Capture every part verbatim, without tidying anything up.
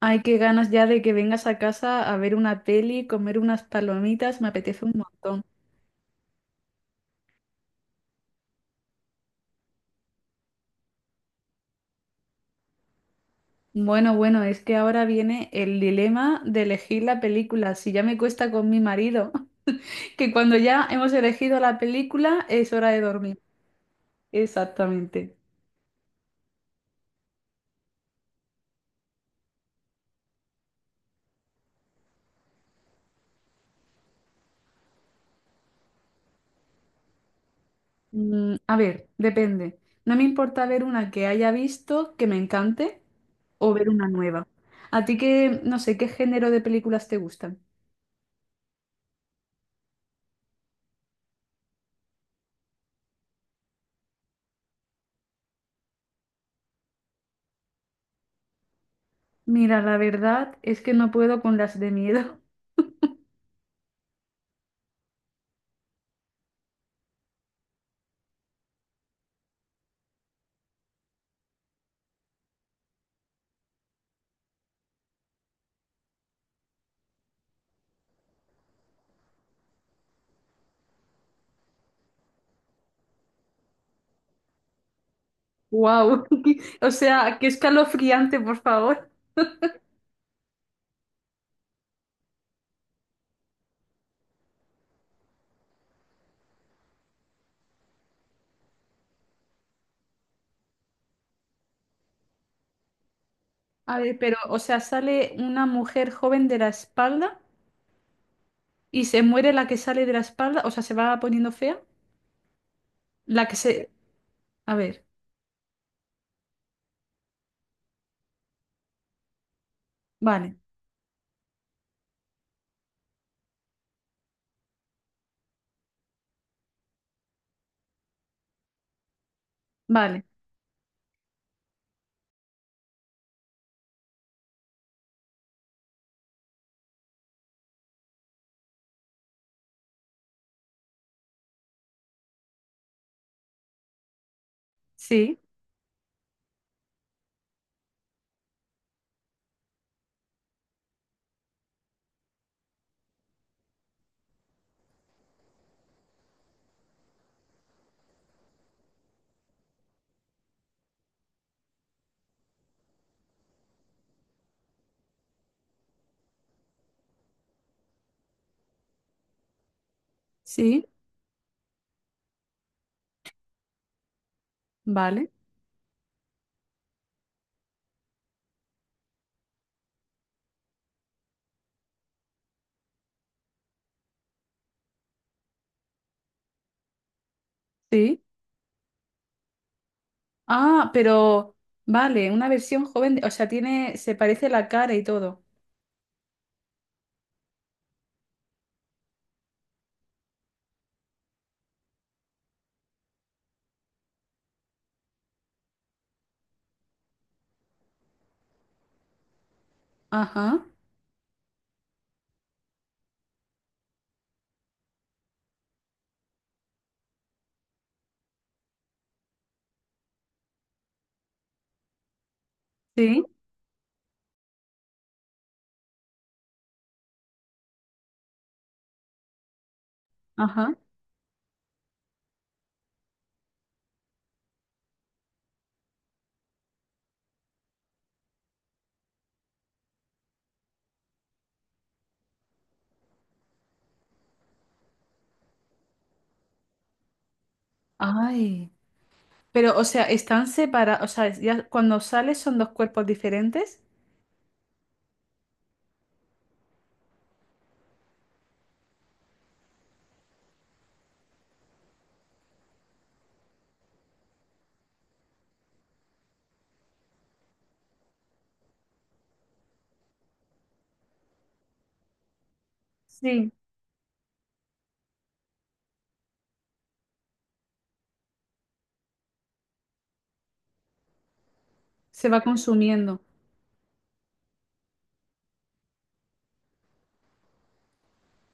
Ay, qué ganas ya de que vengas a casa a ver una peli, comer unas palomitas, me apetece un montón. Bueno, bueno, es que ahora viene el dilema de elegir la película. Si ya me cuesta con mi marido, que cuando ya hemos elegido la película es hora de dormir. Exactamente. Mm, a ver, depende. No me importa ver una que haya visto que me encante o ver una nueva. A ti que, no sé, ¿qué género de películas te gustan? Mira, la verdad es que no puedo con las de miedo. Wow, o sea, qué escalofriante, por favor. A ver, pero, o sea, sale una mujer joven de la espalda y se muere la que sale de la espalda, o sea, se va poniendo fea. La que se... A ver, vale, vale, sí, sí, vale, sí. Ah, pero, vale, una versión joven, de- o sea, tiene, se parece la cara y todo. Ajá, sí, ajá. Ay, pero, o sea, están separados, o sea, ya cuando sales son dos cuerpos diferentes. Sí, se va consumiendo.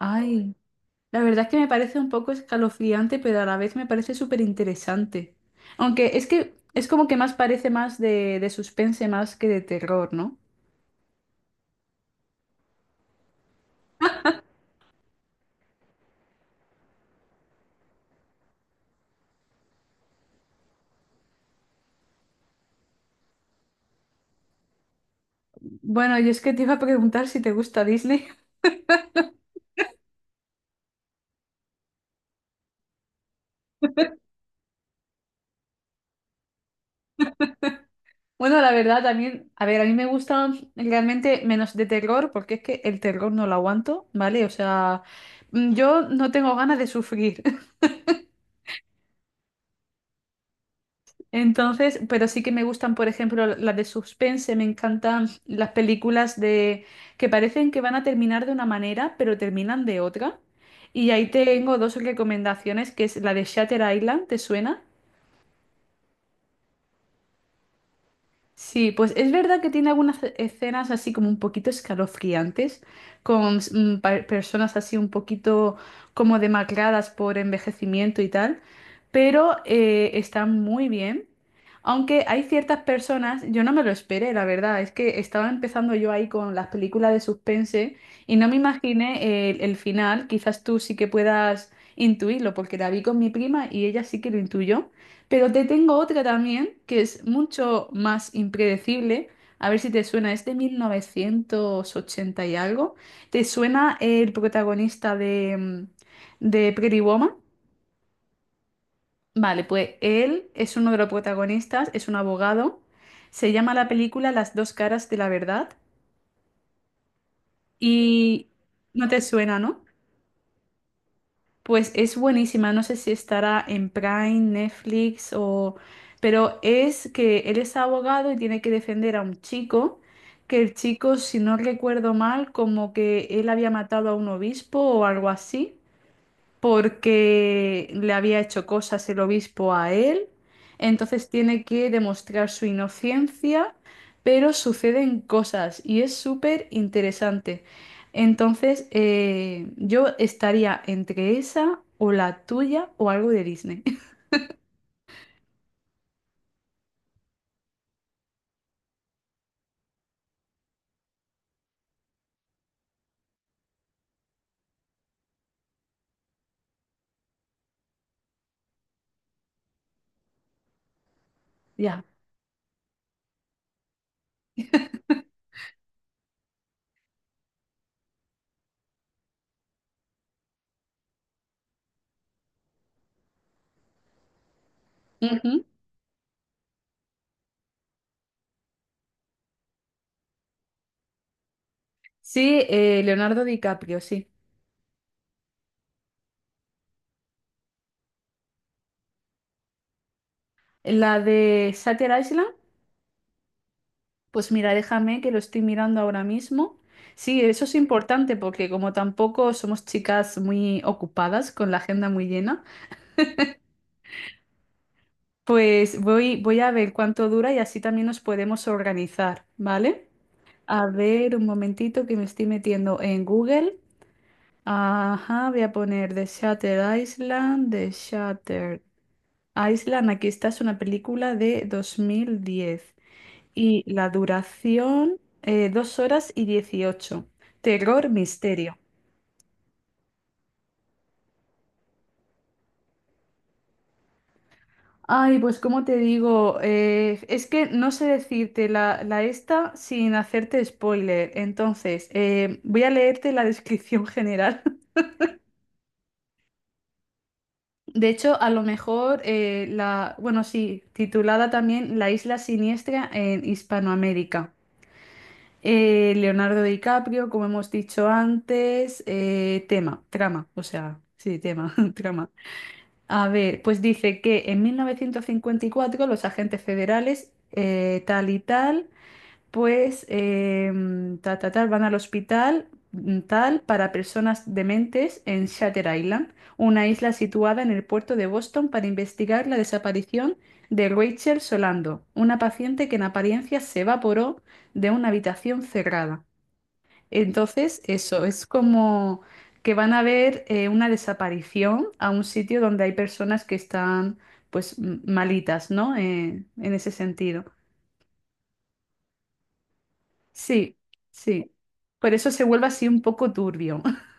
Ay, la verdad es que me parece un poco escalofriante, pero a la vez me parece súper interesante. Aunque es que es como que más parece más de, de suspense más que de terror, ¿no? Bueno, y es que te iba a preguntar si te gusta Disney. Bueno, la verdad también, a ver, a mí me gusta realmente menos de terror, porque es que el terror no lo aguanto, ¿vale? O sea, mm, yo no tengo ganas de sufrir. Entonces, pero sí que me gustan, por ejemplo, las de suspense, me encantan las películas de que parecen que van a terminar de una manera, pero terminan de otra. Y ahí tengo dos recomendaciones, que es la de Shutter Island, ¿te suena? Sí, pues es verdad que tiene algunas e- escenas así como un poquito escalofriantes, con mm, pa- personas así un poquito como demacradas por envejecimiento y tal, pero eh, está muy bien. Aunque hay ciertas personas, yo no me lo esperé, la verdad, es que estaba empezando yo ahí con las películas de suspense y no me imaginé el, el final, quizás tú sí que puedas intuirlo, porque la vi con mi prima y ella sí que lo intuyó. Pero te tengo otra también, que es mucho más impredecible. A ver si te suena, es de mil novecientos ochenta y algo. ¿Te suena el protagonista de, mm, de Pretty Woman? Vale, pues él es uno de los protagonistas, es un abogado. Se llama la película Las dos caras de la verdad. Y no te suena, ¿no? Pues es buenísima, no sé si estará en Prime, Netflix o... Pero es que él es abogado y tiene que defender a un chico, que el chico, si no recuerdo mal, como que él había matado a un obispo o algo así porque le había hecho cosas el obispo a él, entonces tiene que demostrar su inocencia, pero suceden cosas y es súper interesante. Entonces, eh, yo estaría entre esa o la tuya o algo de Disney. Ya. Ujú. Sí, eh, Leonardo DiCaprio, sí. La de Shutter Island. Pues mira, déjame que lo estoy mirando ahora mismo. Sí, eso es importante porque como tampoco somos chicas muy ocupadas con la agenda muy llena, pues voy, voy a ver cuánto dura y así también nos podemos organizar, ¿vale? A ver, un momentito que me estoy metiendo en Google. Ajá, voy a poner The Shutter Island, The Shutter Island. Aquí está, es una película de dos mil diez. Y la duración, eh, dos horas y dieciocho. Terror, misterio. Ay, pues como te digo, Eh, es que no sé decirte la, la esta sin hacerte spoiler. Entonces, eh, voy a leerte la descripción general. De hecho, a lo mejor eh, la, bueno, sí, titulada también La isla siniestra en Hispanoamérica. Eh, Leonardo DiCaprio, como hemos dicho antes, eh, tema, trama, o sea, sí, tema, trama. A ver, pues dice que en mil novecientos cincuenta y cuatro los agentes federales, eh, tal y tal, pues em, ta, ta, tal, van al hospital mm, tal para personas dementes en Shatter Island, una isla situada en el puerto de Boston para investigar la desaparición de Rachel Solando, una paciente que en apariencia se evaporó de una habitación cerrada. Entonces, eso, es como que van a ver eh, una desaparición a un sitio donde hay personas que están pues m- malitas, ¿no? Eh, en ese sentido. Sí, sí. Por eso se vuelve así un poco turbio.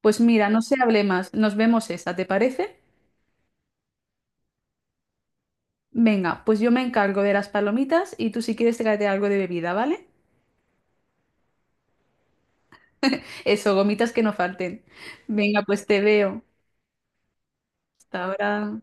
Pues mira, no se hable más, nos vemos esa, ¿te parece? Venga, pues yo me encargo de las palomitas y tú si quieres tráete algo de bebida, ¿vale? Eso, gomitas que no falten. Venga, pues te veo. Hasta ahora.